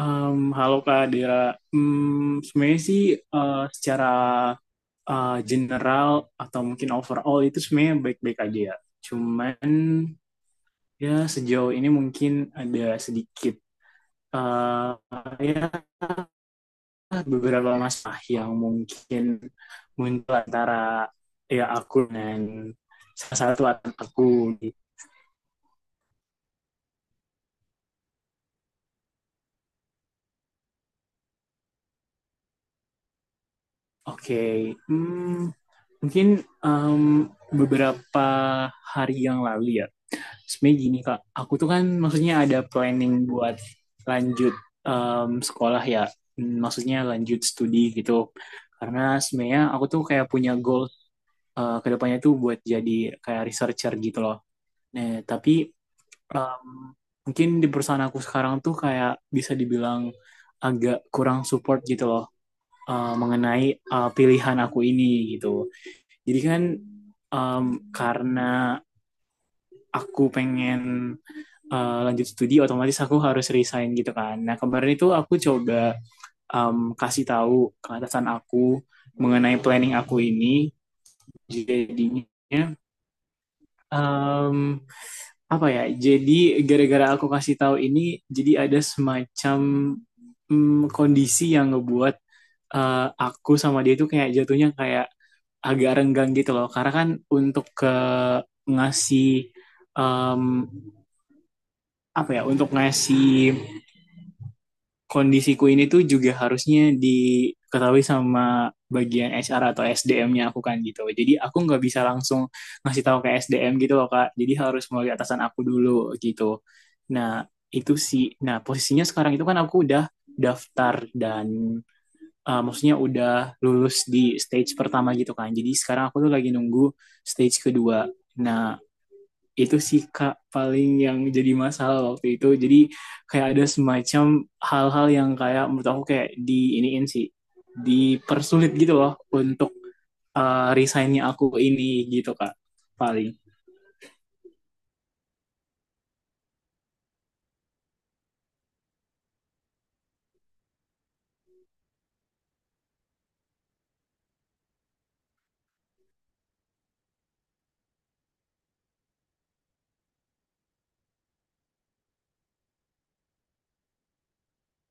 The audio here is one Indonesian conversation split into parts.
Halo Kak Dira. Sebenarnya sih secara general atau mungkin overall itu sebenarnya baik-baik aja ya. Cuman ya sejauh ini mungkin ada sedikit ya beberapa masalah yang mungkin muncul antara ya aku dan salah satu anak aku. Oke, hmm, mungkin em, beberapa hari yang lalu ya. Sebenarnya gini kak, aku tuh kan maksudnya ada planning buat lanjut sekolah ya. Maksudnya lanjut studi gitu, karena sebenarnya aku tuh kayak punya goal ke depannya tuh buat jadi kayak researcher gitu loh. Nah tapi em, mungkin di perusahaan aku sekarang tuh kayak bisa dibilang agak kurang support gitu loh, mengenai pilihan aku ini gitu. Jadi kan em, karena aku pengen lanjut studi, otomatis aku harus resign gitu kan. Nah kemarin itu aku coba kasih tahu ke atasan aku mengenai planning aku ini. Jadinya um, apa ya? Jadi gara-gara aku kasih tahu ini, jadi ada semacam kondisi yang ngebuat uh, aku sama dia itu kayak jatuhnya kayak agak renggang gitu loh. Karena kan untuk ke ngasih um, apa ya, untuk ngasih kondisiku ini tuh juga harusnya diketahui sama bagian HR atau SDM-nya aku kan gitu. Jadi aku nggak bisa langsung ngasih tahu ke SDM gitu loh Kak. Jadi harus melalui atasan aku dulu gitu. Nah, itu sih. Nah, posisinya sekarang itu kan aku udah daftar dan maksudnya udah lulus di stage pertama gitu kan. Jadi sekarang aku tuh lagi nunggu stage kedua. Nah, itu sih kak, paling yang jadi masalah waktu itu jadi kayak ada semacam hal-hal yang kayak menurut aku kayak di iniin sih, dipersulit gitu loh untuk resignnya aku ini gitu kak, paling.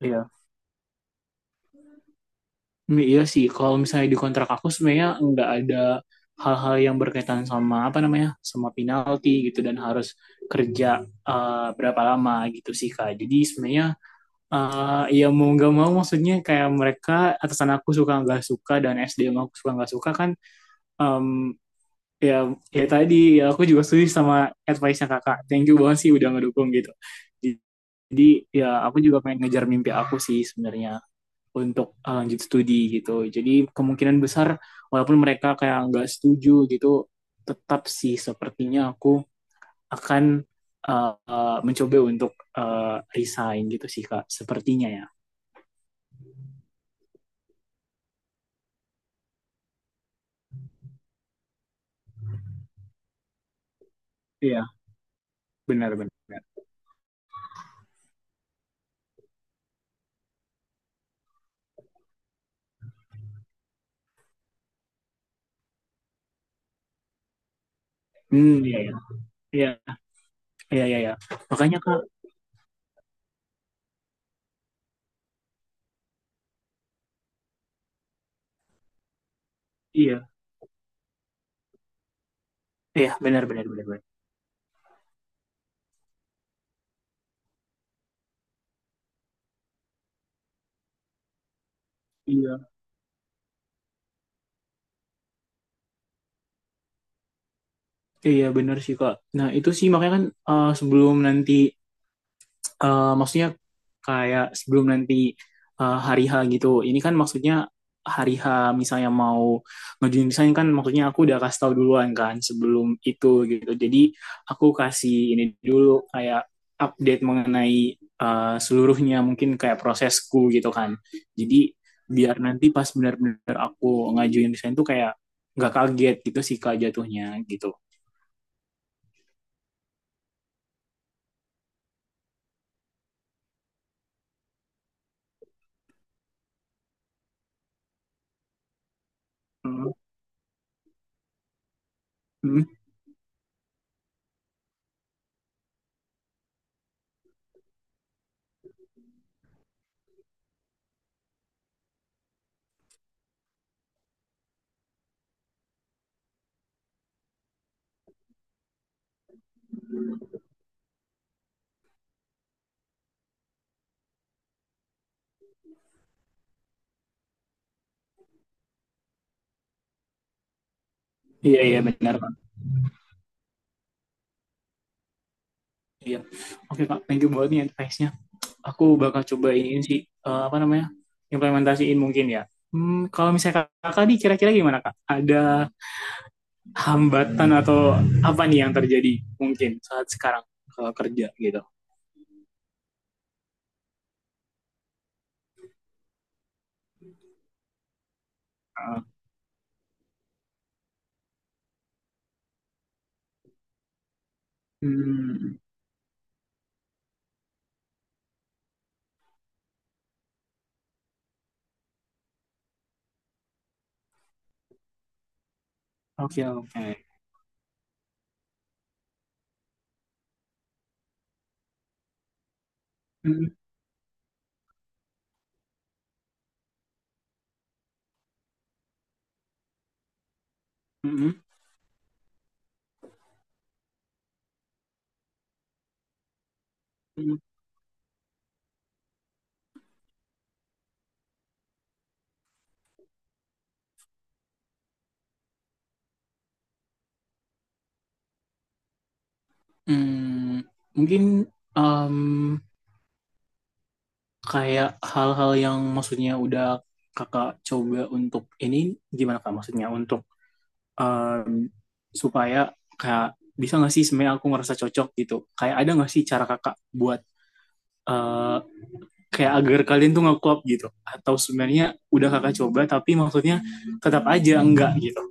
Iya. Iya sih, kalau misalnya di kontrak aku sebenarnya nggak ada hal-hal yang berkaitan sama apa namanya, sama penalti gitu dan harus kerja berapa lama gitu sih kak. Jadi sebenarnya ya mau nggak mau maksudnya kayak mereka, atasan aku suka nggak suka dan SDM aku suka nggak suka kan. Em, ya ya tadi ya, aku juga setuju sama advice nya kakak, thank you banget sih udah ngedukung gitu. Jadi ya aku juga pengen ngejar mimpi aku sih sebenarnya untuk lanjut studi gitu. Jadi kemungkinan besar walaupun mereka kayak nggak setuju gitu, tetap sih sepertinya aku akan mencoba untuk resign gitu sih kak sepertinya ya. Iya, benar benar. Iya iya. Iya, iya iya, iya. Makanya Kak, iya. Iya, benar benar benar benar. Iya. Iya, benar sih Kak. Nah, itu sih makanya kan sebelum nanti maksudnya kayak sebelum nanti hari H gitu. Ini kan maksudnya hari H, misalnya mau ngajuin desain kan, maksudnya aku udah kasih tahu duluan kan sebelum itu gitu. Jadi aku kasih ini dulu kayak update mengenai seluruhnya mungkin kayak prosesku gitu kan. Jadi biar nanti pas benar-benar aku ngajuin desain tuh kayak nggak kaget gitu sih kak jatuhnya gitu. Hmm. Hmm. Iya iya benar kak. Iya. Oke kak, thank you banget nih advice-nya. Aku bakal coba ini sih apa namanya, implementasiin mungkin ya. Kalau misalnya kakak nih, kira-kira gimana kak? Ada hambatan atau apa nih yang terjadi mungkin saat sekarang kalau kerja gitu? Hmm, oke oke. Hmm. Hmm. Hmm. Hmm, mungkin em, kayak hal-hal yang maksudnya udah kakak coba untuk ini gimana kak? Maksudnya untuk em, supaya kayak bisa nggak sih sebenarnya aku ngerasa cocok gitu, kayak ada nggak sih cara kakak buat eh, kayak agar kalian tuh nge-klop gitu, atau sebenarnya udah kakak coba tapi maksudnya tetap aja enggak gitu.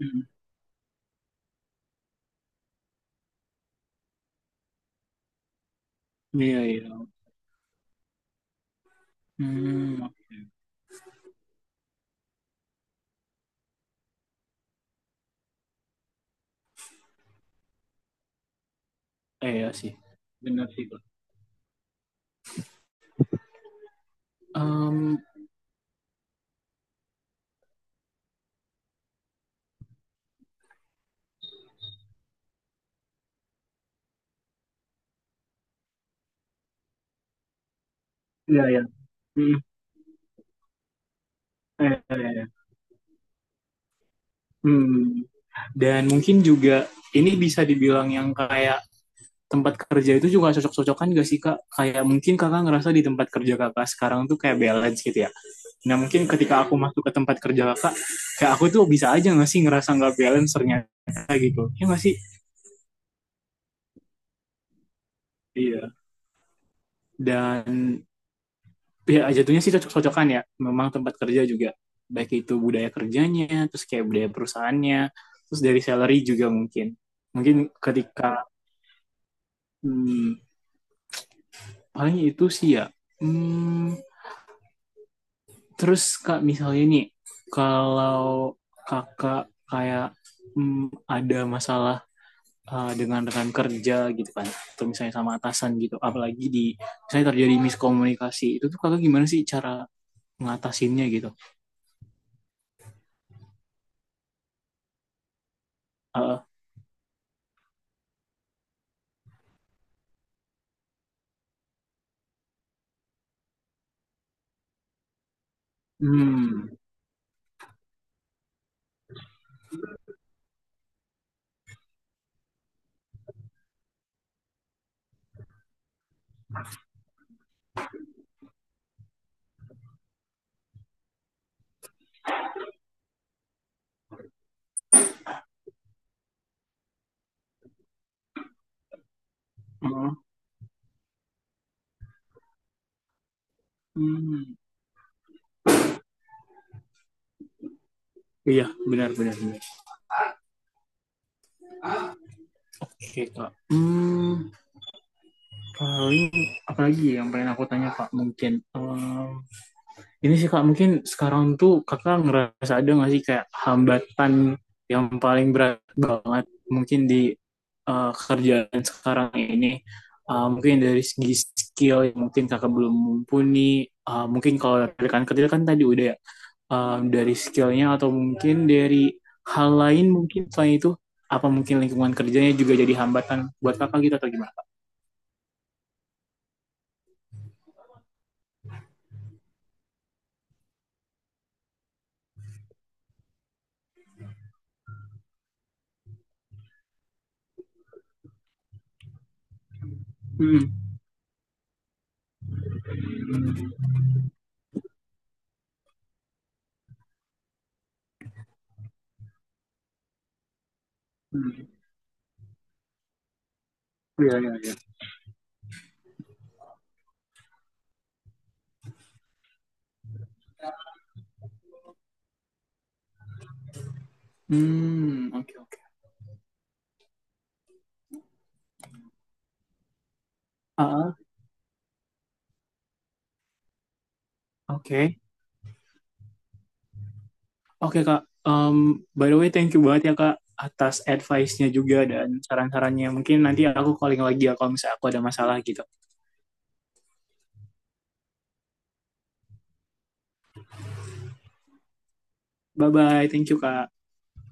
Hmm, iya iya. Hmm, eh, iya sih. Benar sih, Pak. Iya, iya. Hmm, iya, iya, iya. Hmm. Dan mungkin juga ini bisa dibilang yang kayak tempat kerja itu juga cocok-cocokan gak sih kak? Kayak mungkin kakak ngerasa di tempat kerja kakak sekarang tuh kayak balance gitu ya. Nah mungkin ketika aku masuk ke tempat kerja kakak, kayak aku tuh bisa aja gak sih ngerasa gak balance ternyata gitu. Ya gak sih? Iya. Dan ya jatuhnya sih cocok-cocokan ya, memang tempat kerja juga. Baik itu budaya kerjanya, terus kayak budaya perusahaannya, terus dari salary juga mungkin. Mungkin ketika, hmm, paling itu sih ya. Hmm, Terus kak misalnya nih kalau kakak kayak mm, ada masalah dengan rekan kerja gitu kan, atau misalnya sama atasan gitu, apalagi di misalnya terjadi miskomunikasi itu tuh kakak gimana sih cara ngatasinnya gitu? Uh, hmm, uh, hmm. Iya, benar, benar, benar. Oke, Kak. Paling, apalagi yang pengen aku tanya, Kak, mungkin. Ini sih Kak, mungkin sekarang tuh Kakak ngerasa ada nggak sih kayak hambatan yang paling berat banget mungkin di kerjaan sekarang ini? Mungkin dari segi skill yang mungkin Kakak belum mumpuni. Mungkin kalau dari rekan kerja kan tadi udah ya. Dari skillnya atau mungkin dari hal lain mungkin selain itu, apa mungkin lingkungan kerjanya juga jadi hambatan buat Kakak gitu atau gimana? Hmm, iya, iya, iya. Oke, oke. Ah, oke. Oke Kak, by the way thank you banget ya Kak atas advice-nya juga dan saran-sarannya. Mungkin nanti aku calling lagi ya kalau misalnya aku ada masalah gitu. Bye-bye, thank you Kak.